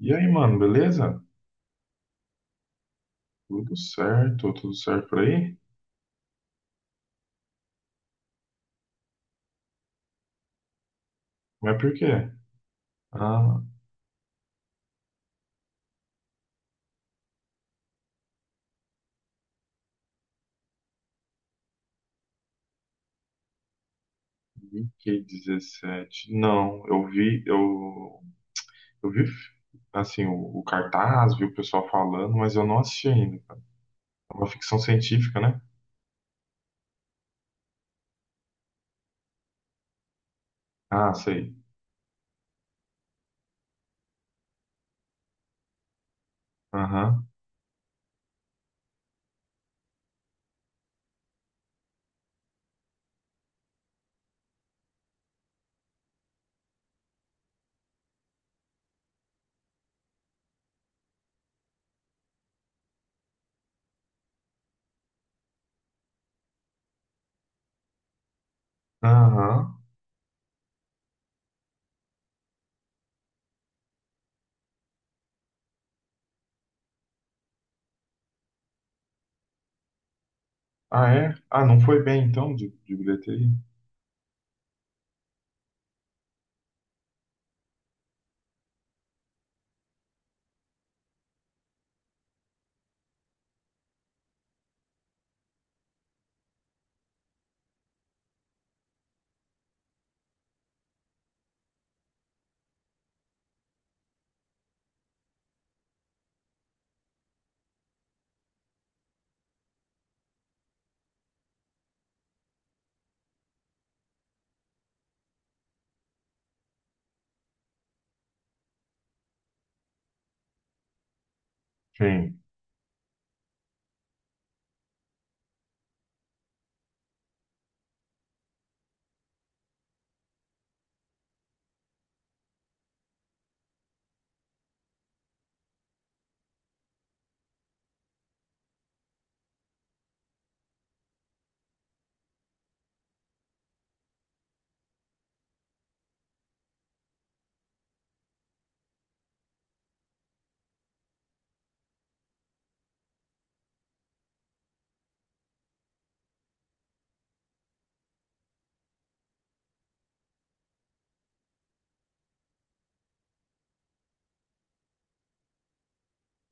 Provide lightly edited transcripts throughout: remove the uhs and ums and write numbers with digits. E aí, mano, beleza? Tudo certo por aí? Mas por quê? Ah, VK17. Não, eu vi assim, o cartaz, vi o pessoal falando, mas eu não assisti ainda. É uma ficção científica, né? Ah, sei. Aham, aham. Ah, é? Ah, não foi bem então de bilheteria? Sim.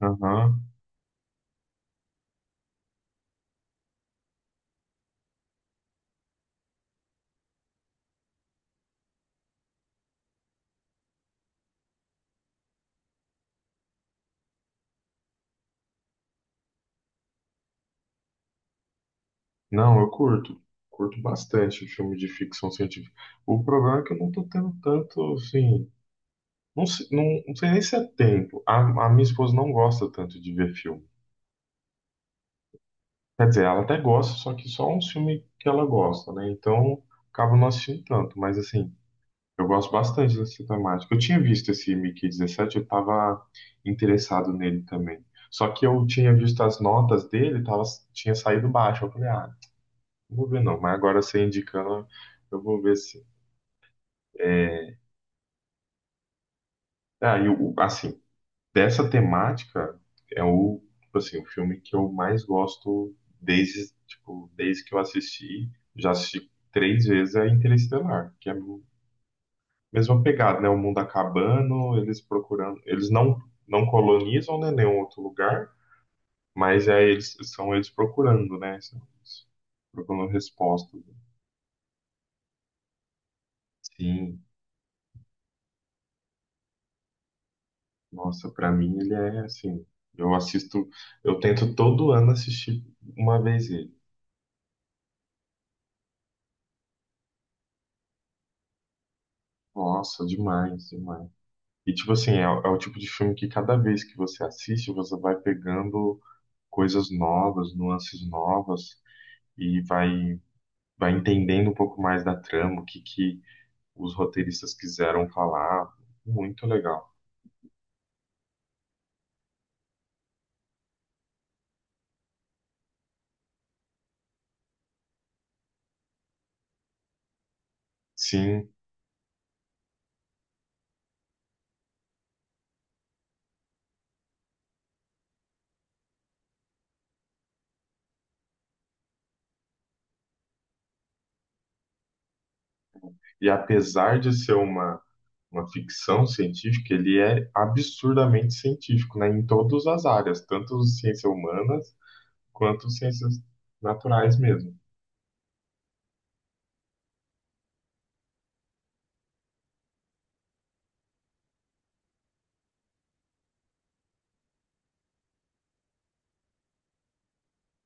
Aham. Não, eu curto. Curto bastante filme de ficção científica. O problema é que eu não tô tendo tanto, assim. Não, não sei nem se é tempo. A minha esposa não gosta tanto de ver filme. Quer dizer, ela até gosta, só que só um filme que ela gosta, né? Então, acaba não assistindo tanto. Mas, assim, eu gosto bastante dessa temática. Eu tinha visto esse Mickey 17. Eu estava interessado nele também. Só que eu tinha visto as notas dele, tinha saído baixo. Eu falei, ah, não vou ver não. Mas agora você indicando, eu vou ver se. É, aí, assim, dessa temática é o, tipo assim, o filme que eu mais gosto desde, tipo, desde que eu assisti. Já assisti três vezes é Interestelar, que é a mesma pegada, né? O mundo acabando, eles procurando, eles não colonizam, né, nenhum outro lugar, mas é eles são eles procurando, né? São eles procurando respostas. Sim, nossa, pra mim ele é assim, eu assisto, eu tento todo ano assistir uma vez ele. Nossa, demais, demais. E, tipo assim, é, o é o tipo de filme que cada vez que você assiste, você vai pegando coisas novas, nuances novas, e vai entendendo um pouco mais da trama, o que, que os roteiristas quiseram falar. Muito legal. Sim, e apesar de ser uma ficção científica, ele é absurdamente científico, né? Em todas as áreas, tanto ciências humanas quanto ciências naturais mesmo.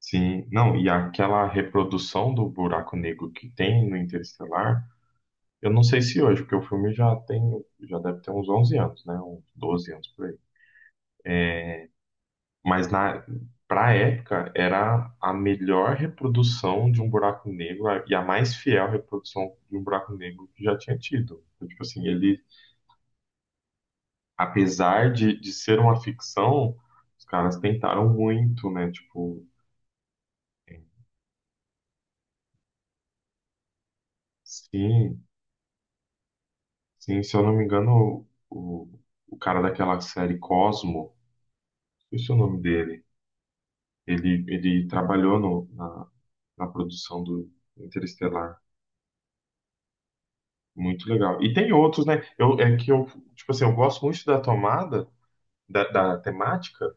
Sim, não, e aquela reprodução do buraco negro que tem no Interestelar, eu não sei se hoje, porque o filme já tem, já deve ter uns 11 anos, né? Uns 12 anos por aí. Mas na pra época era a melhor reprodução de um buraco negro e a mais fiel reprodução de um buraco negro que já tinha tido. Então, tipo assim, ele, apesar de ser uma ficção, os caras tentaram muito, né? Tipo, é, sim, Sim, se eu não me engano, o cara daquela série Cosmo, esqueci o nome dele, ele trabalhou no, na, na produção do Interestelar. Muito legal. E tem outros, né? É que eu, tipo assim, eu gosto muito da tomada, da temática,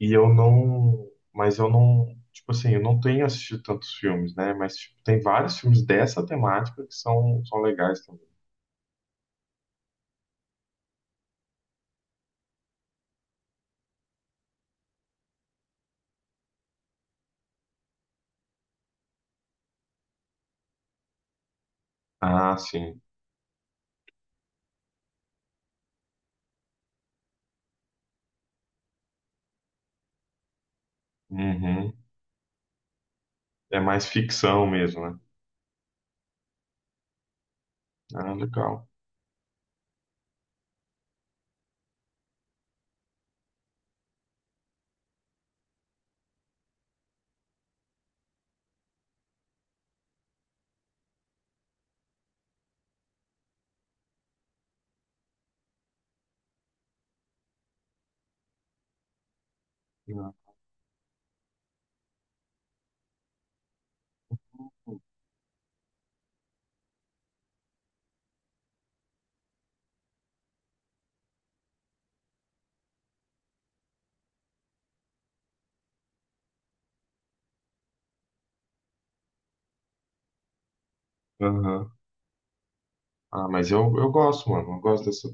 e eu não. Mas eu não. Tipo assim, eu não tenho assistido tantos filmes, né? Mas tipo, tem vários filmes dessa temática que são legais também. Ah, sim. Uhum. É mais ficção mesmo, né? Ah, legal. Aham. Ah, mas eu gosto, mano. Eu gosto dessa.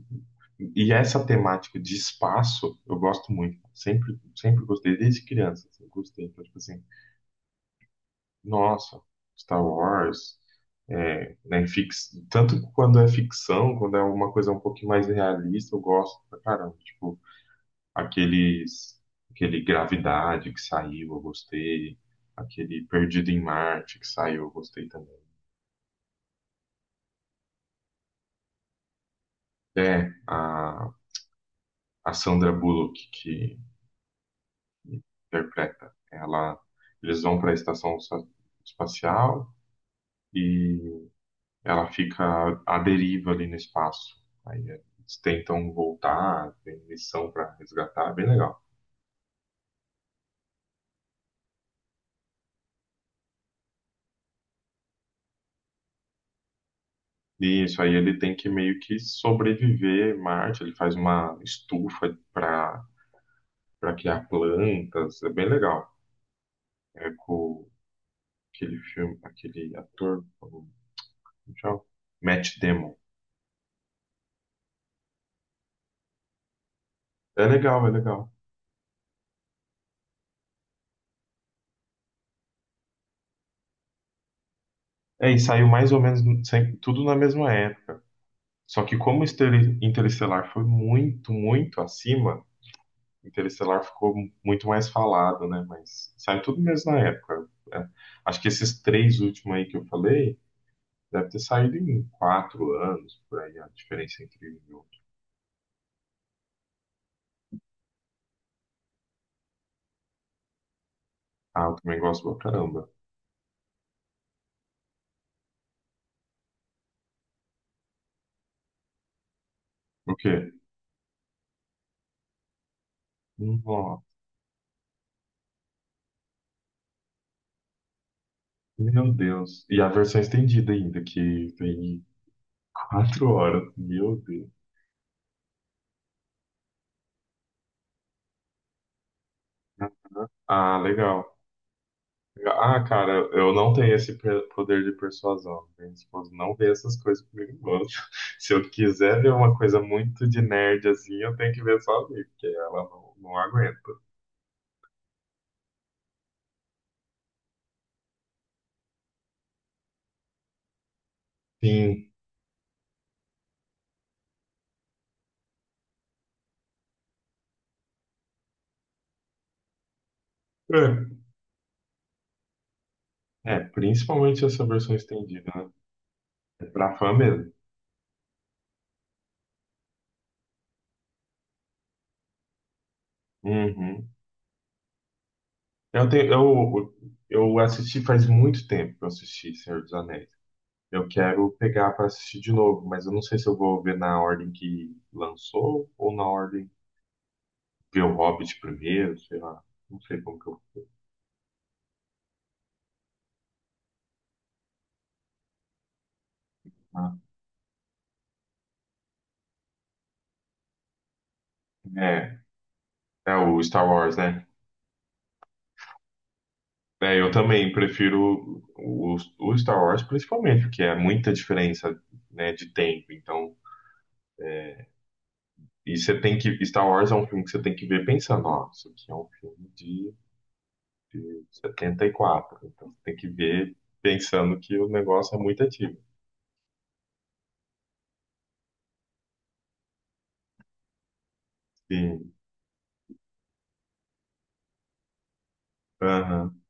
E essa temática de espaço, eu gosto muito. Sempre, sempre gostei, desde criança, assim, gostei. Então, tipo assim, nossa, Star Wars, é, né, tanto quando é ficção, quando é uma coisa um pouquinho mais realista, eu gosto pra caramba. Tipo, aqueles, aquele Gravidade que saiu, eu gostei. Aquele Perdido em Marte que saiu, eu gostei também. É, a Sandra Bullock, que interpreta. Eles vão para a estação espacial e ela fica à deriva ali no espaço. Aí eles tentam voltar, tem missão para resgatar, é bem legal. E isso aí ele tem que meio que sobreviver em Marte, ele faz uma estufa para criar plantas, é bem legal. É com aquele filme, aquele ator, como chama? Matt Damon. É legal, é legal. É, e saiu mais ou menos tudo na mesma época. Só que como Interestelar foi muito, muito acima, Interestelar ficou muito mais falado, né? Mas saiu tudo mesmo na época. É, acho que esses três últimos aí que eu falei, deve ter saído em 4 anos, por aí, a diferença entre um e outro. Ah, eu também gosto pra caramba. O quê? Nossa, meu Deus. E a versão estendida ainda, que tem 4 horas. Meu Deus. Ah, legal. Ah, cara, eu não tenho esse poder de persuasão. Minha esposa não vê essas coisas comigo, não. Se eu quiser ver uma coisa muito de nerd assim, eu tenho que ver sozinho, porque ela não aguenta. Sim. Principalmente essa versão estendida, né? É pra fã mesmo. Uhum. Eu tenho, eu, eu assisti faz muito tempo que eu assisti Senhor dos Anéis. Eu quero pegar pra assistir de novo, mas eu não sei se eu vou ver na ordem que lançou ou na ordem ver o Hobbit primeiro, sei lá. Não sei como que eu. Ah, É, é o Star Wars, né? É, eu também prefiro o Star Wars, principalmente, porque é muita diferença, né, de tempo. Então, é, e você tem que. Star Wars é um filme que você tem que ver pensando, ó, isso aqui é um filme de 74. Então você tem que ver pensando que o negócio é muito antigo. Sim. Aham.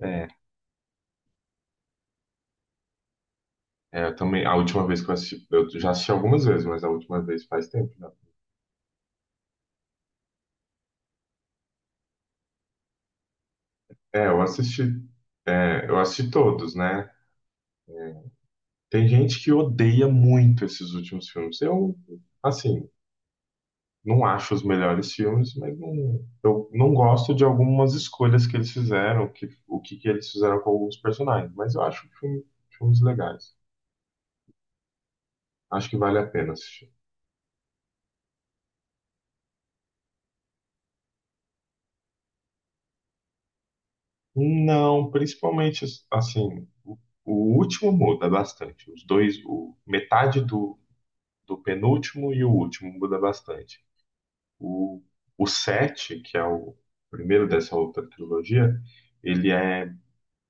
É, eu também. A última vez que eu assisti. Eu já assisti algumas vezes, mas a última vez faz tempo já. É, eu assisti todos, né? É, tem gente que odeia muito esses últimos filmes. Eu, assim, não acho os melhores filmes, mas não, eu não gosto de algumas escolhas que eles fizeram, que, o que, que eles fizeram com alguns personagens, mas eu acho filmes legais. Acho que vale a pena assistir. Não, principalmente, assim, o último muda bastante. Os dois, metade do penúltimo e o último muda bastante. O, o 7, que é o primeiro dessa outra trilogia, ele é,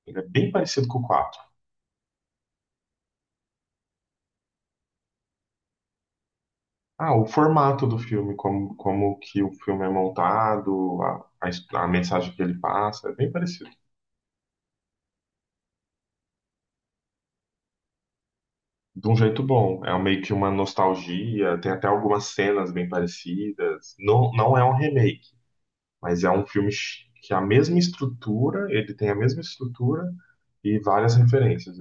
ele é bem parecido com o 4. Ah, o formato do filme, como que o filme é montado, a mensagem que ele passa, é bem parecido. De um jeito bom, é meio que uma nostalgia, tem até algumas cenas bem parecidas. Não, não é um remake, mas é um filme que a mesma estrutura, ele tem a mesma estrutura e várias referências.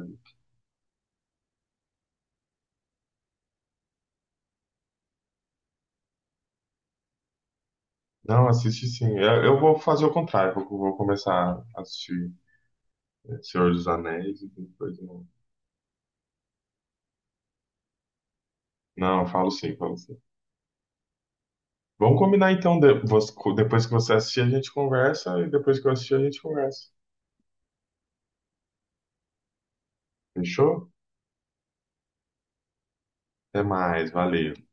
Não, assiste sim. Eu vou fazer o contrário. Vou começar a assistir Senhor dos Anéis e depois. Não, eu falo sim, falo sim. Vamos combinar então. Depois que você assistir, a gente conversa. E depois que eu assistir, a gente conversa. Fechou? Até mais. Valeu.